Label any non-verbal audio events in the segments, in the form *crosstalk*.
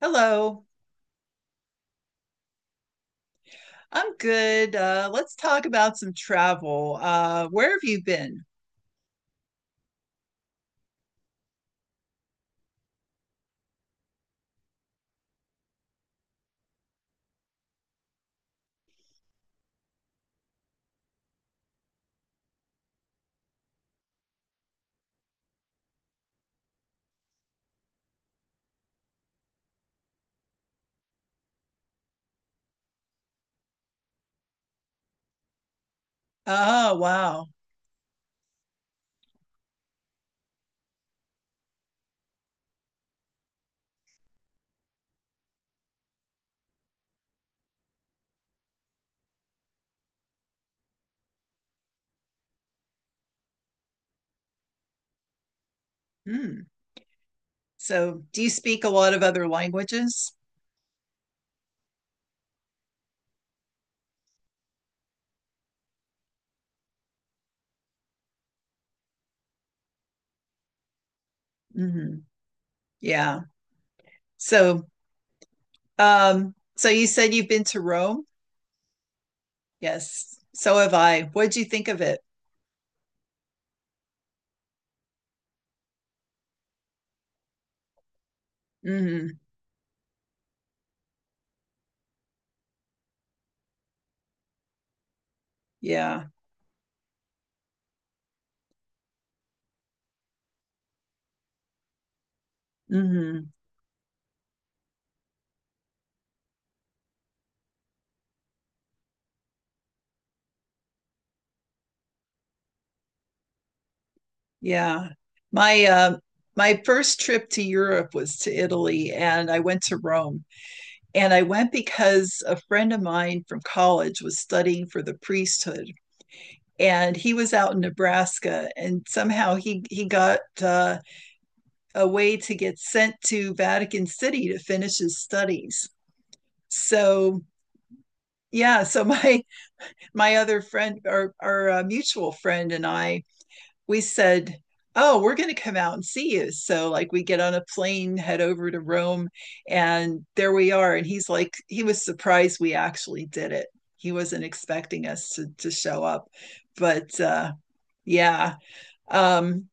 Hello, I'm good. Let's talk about some travel. Where have you been? Oh, wow. Hmm. So, do you speak a lot of other languages? Hmm. Yeah. So, so, you said you've been to Rome? Yes. So have I. What'd you think of it? Hmm. Yeah. Hmm. Yeah. My uh, my first trip to Europe was to Italy, and I went to Rome. And I went because a friend of mine from college was studying for the priesthood, and he was out in Nebraska, and somehow he got a way to get sent to Vatican City to finish his studies. So, yeah, *laughs* my other friend, our mutual friend, and I we said, "Oh, we're going to come out and see you." So, like, we get on a plane, head over to Rome, and there we are. And he's like, he was surprised we actually did it. He wasn't expecting us to show up. But yeah, um,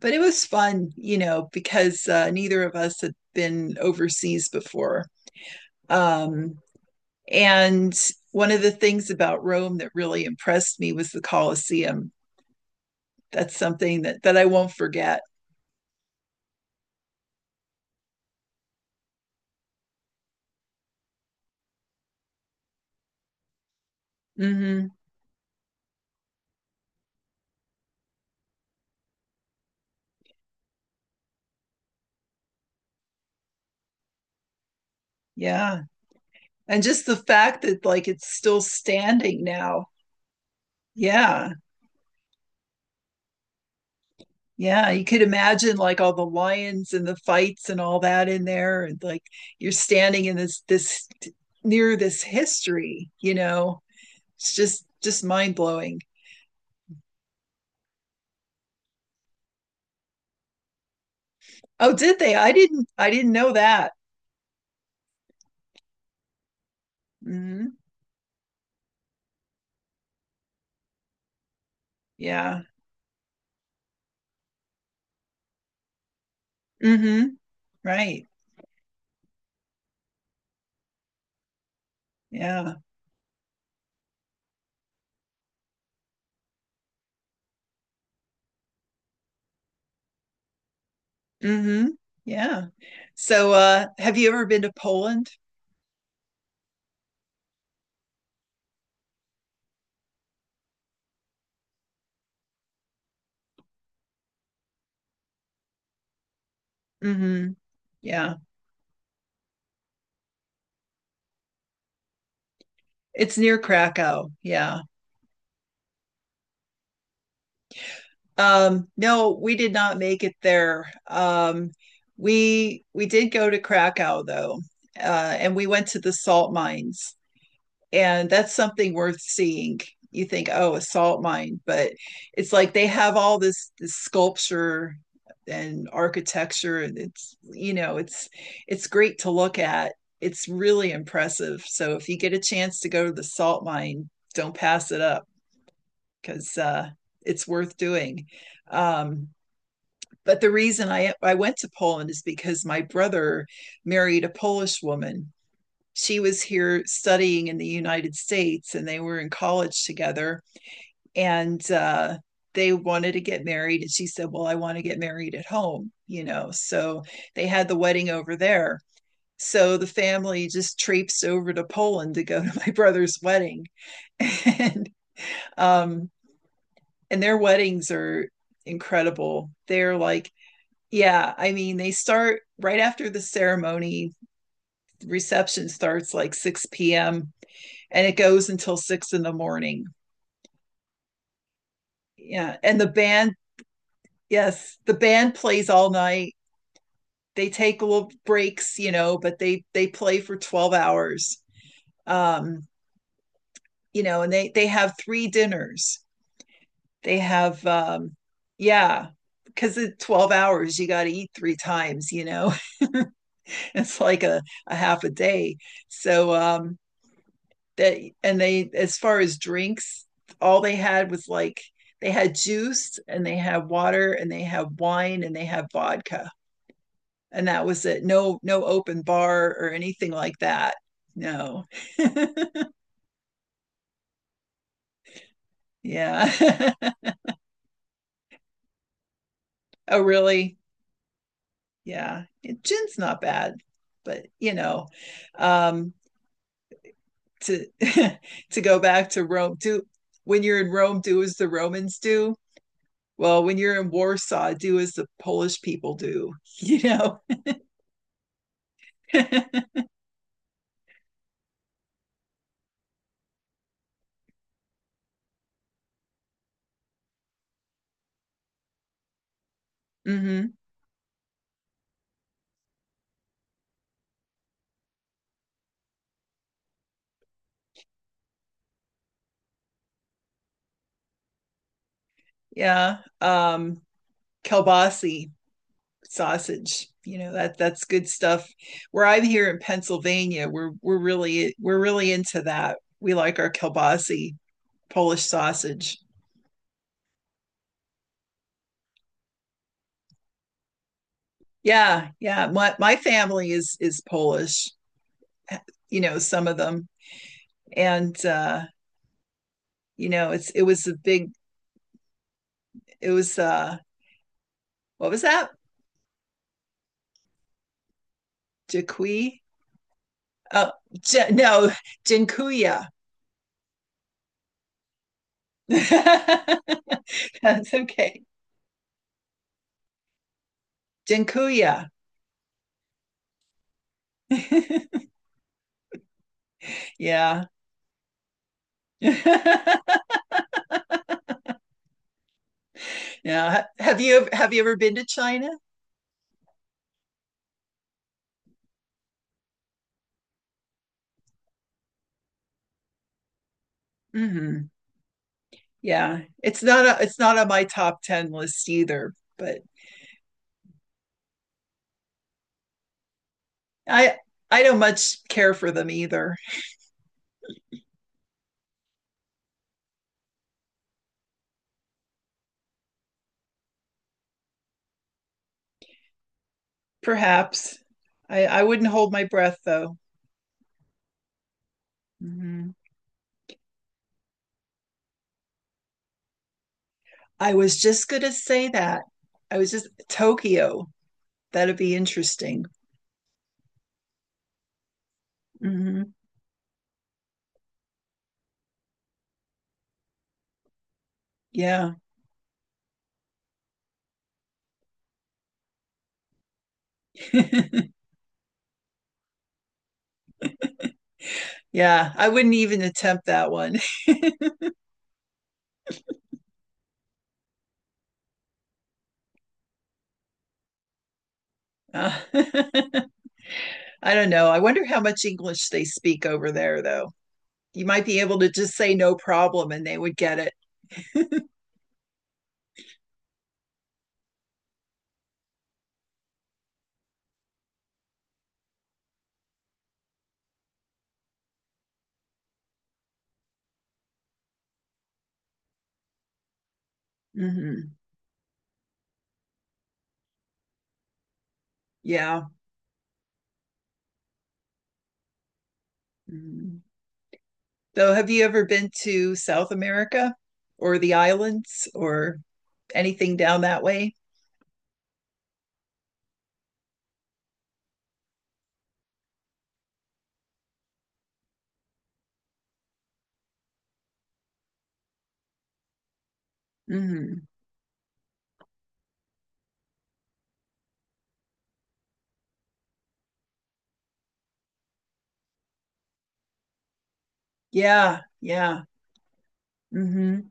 but it was fun, you know, because neither of us had been overseas before. Um, and one of the things about Rome that really impressed me was the Colosseum. That's something that I won't forget. Mm-hmm. Yeah. And just the fact that like it's still standing now. Yeah. Yeah. You could imagine like all the lions and the fights and all that in there. And like you're standing in this near this history, you know, it's just mind blowing. Oh, did they? I didn't know that. Hmm. Yeah. Hmm. Right. Yeah. Hmm. Yeah. So, have you ever been to Poland? Hmm. Yeah. It's near Krakow. Yeah. No, we did not make it there. We did go to Krakow, though, and we went to the salt mines, and that's something worth seeing. You think, oh, a salt mine, but it's like they have all this sculpture and architecture, and it's great to look at. It's really impressive. So if you get a chance to go to the salt mine, don't pass it up, because it's worth doing. Um, but the reason I went to Poland is because my brother married a Polish woman. She was here studying in the United States and they were in college together. And they wanted to get married. And she said, "Well, I want to get married at home, you know." So they had the wedding over there. So the family just traipsed over to Poland to go to *laughs* my brother's wedding. *laughs* and um, and their weddings are incredible. They're like, yeah, I mean, they start right after the ceremony. Reception starts like 6 p.m. and it goes until 6 in the morning. Yeah. And the band, yes, the band plays all night. They take little breaks, you know, but they play for 12 hours. Um, you know, and they have three dinners. They have yeah, because it's 12 hours, you got to eat three times. *laughs* It's like a half a day. So that, and they, as far as drinks, all they had was like they had juice, and they had water, and they had wine, and they had vodka, and that was it. No, no open bar or anything like that. No. *laughs* Yeah. *laughs* Oh, really? Yeah, gin's not bad. But you know um to *laughs* to go back to Rome, do when you're in Rome, do as the Romans do. Well, when you're in Warsaw, do as the Polish people do. *laughs* you know *laughs* hmm. Yeah. Kielbasi sausage. You know that that's good stuff. Where I'm here in Pennsylvania, we're really into that. We like our kielbasi Polish sausage. Yeah, yeah. My family is Polish. You know some of them, and you know, it was a big, it was what was that? Jakui? Oh, no, Jinkuya. *laughs* That's okay. Dinkuya. *laughs* Yeah. *laughs* Yeah. Have you ever been to China? Hmm. Yeah. It's not on my top 10 list either, but I I don't much care for them either. Perhaps. I wouldn't hold my breath, though. Hmm. I was just going to say that. I was just Tokyo, that'd be interesting. Hmm. Yeah. *laughs* Yeah, I wouldn't even attempt that one. Uh, *laughs* I don't know. I wonder how much English they speak over there, though. You might be able to just say no problem and they would get it. *laughs* Hmm. Yeah. Mhm. So have you ever been to South America or the islands or anything down that way? Hmm. Yeah, yeah. Hmm.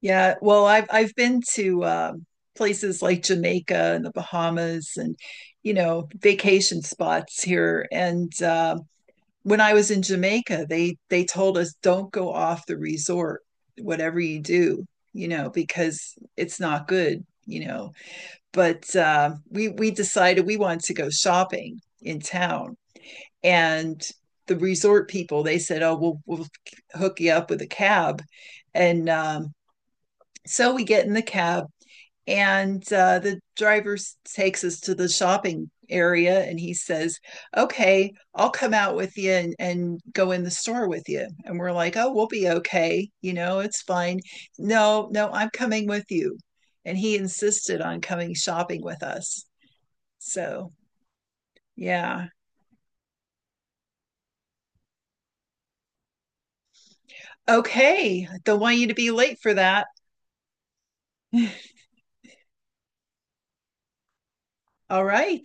Yeah. Well, I've been to places like Jamaica and the Bahamas and, vacation spots here. And when I was in Jamaica, they told us don't go off the resort, whatever you do, because it's not good. But we decided we wanted to go shopping in town, and the resort people they said, oh, we'll hook you up with a cab, and so we get in the cab, and the driver takes us to the shopping area, and he says, "Okay, I'll come out with you, and, go in the store with you." And we're like, "Oh, we'll be okay. You know, it's fine." "No, no, I'm coming with you." And he insisted on coming shopping with us. So, yeah. Okay. Don't want you to be late for that. *laughs* All right.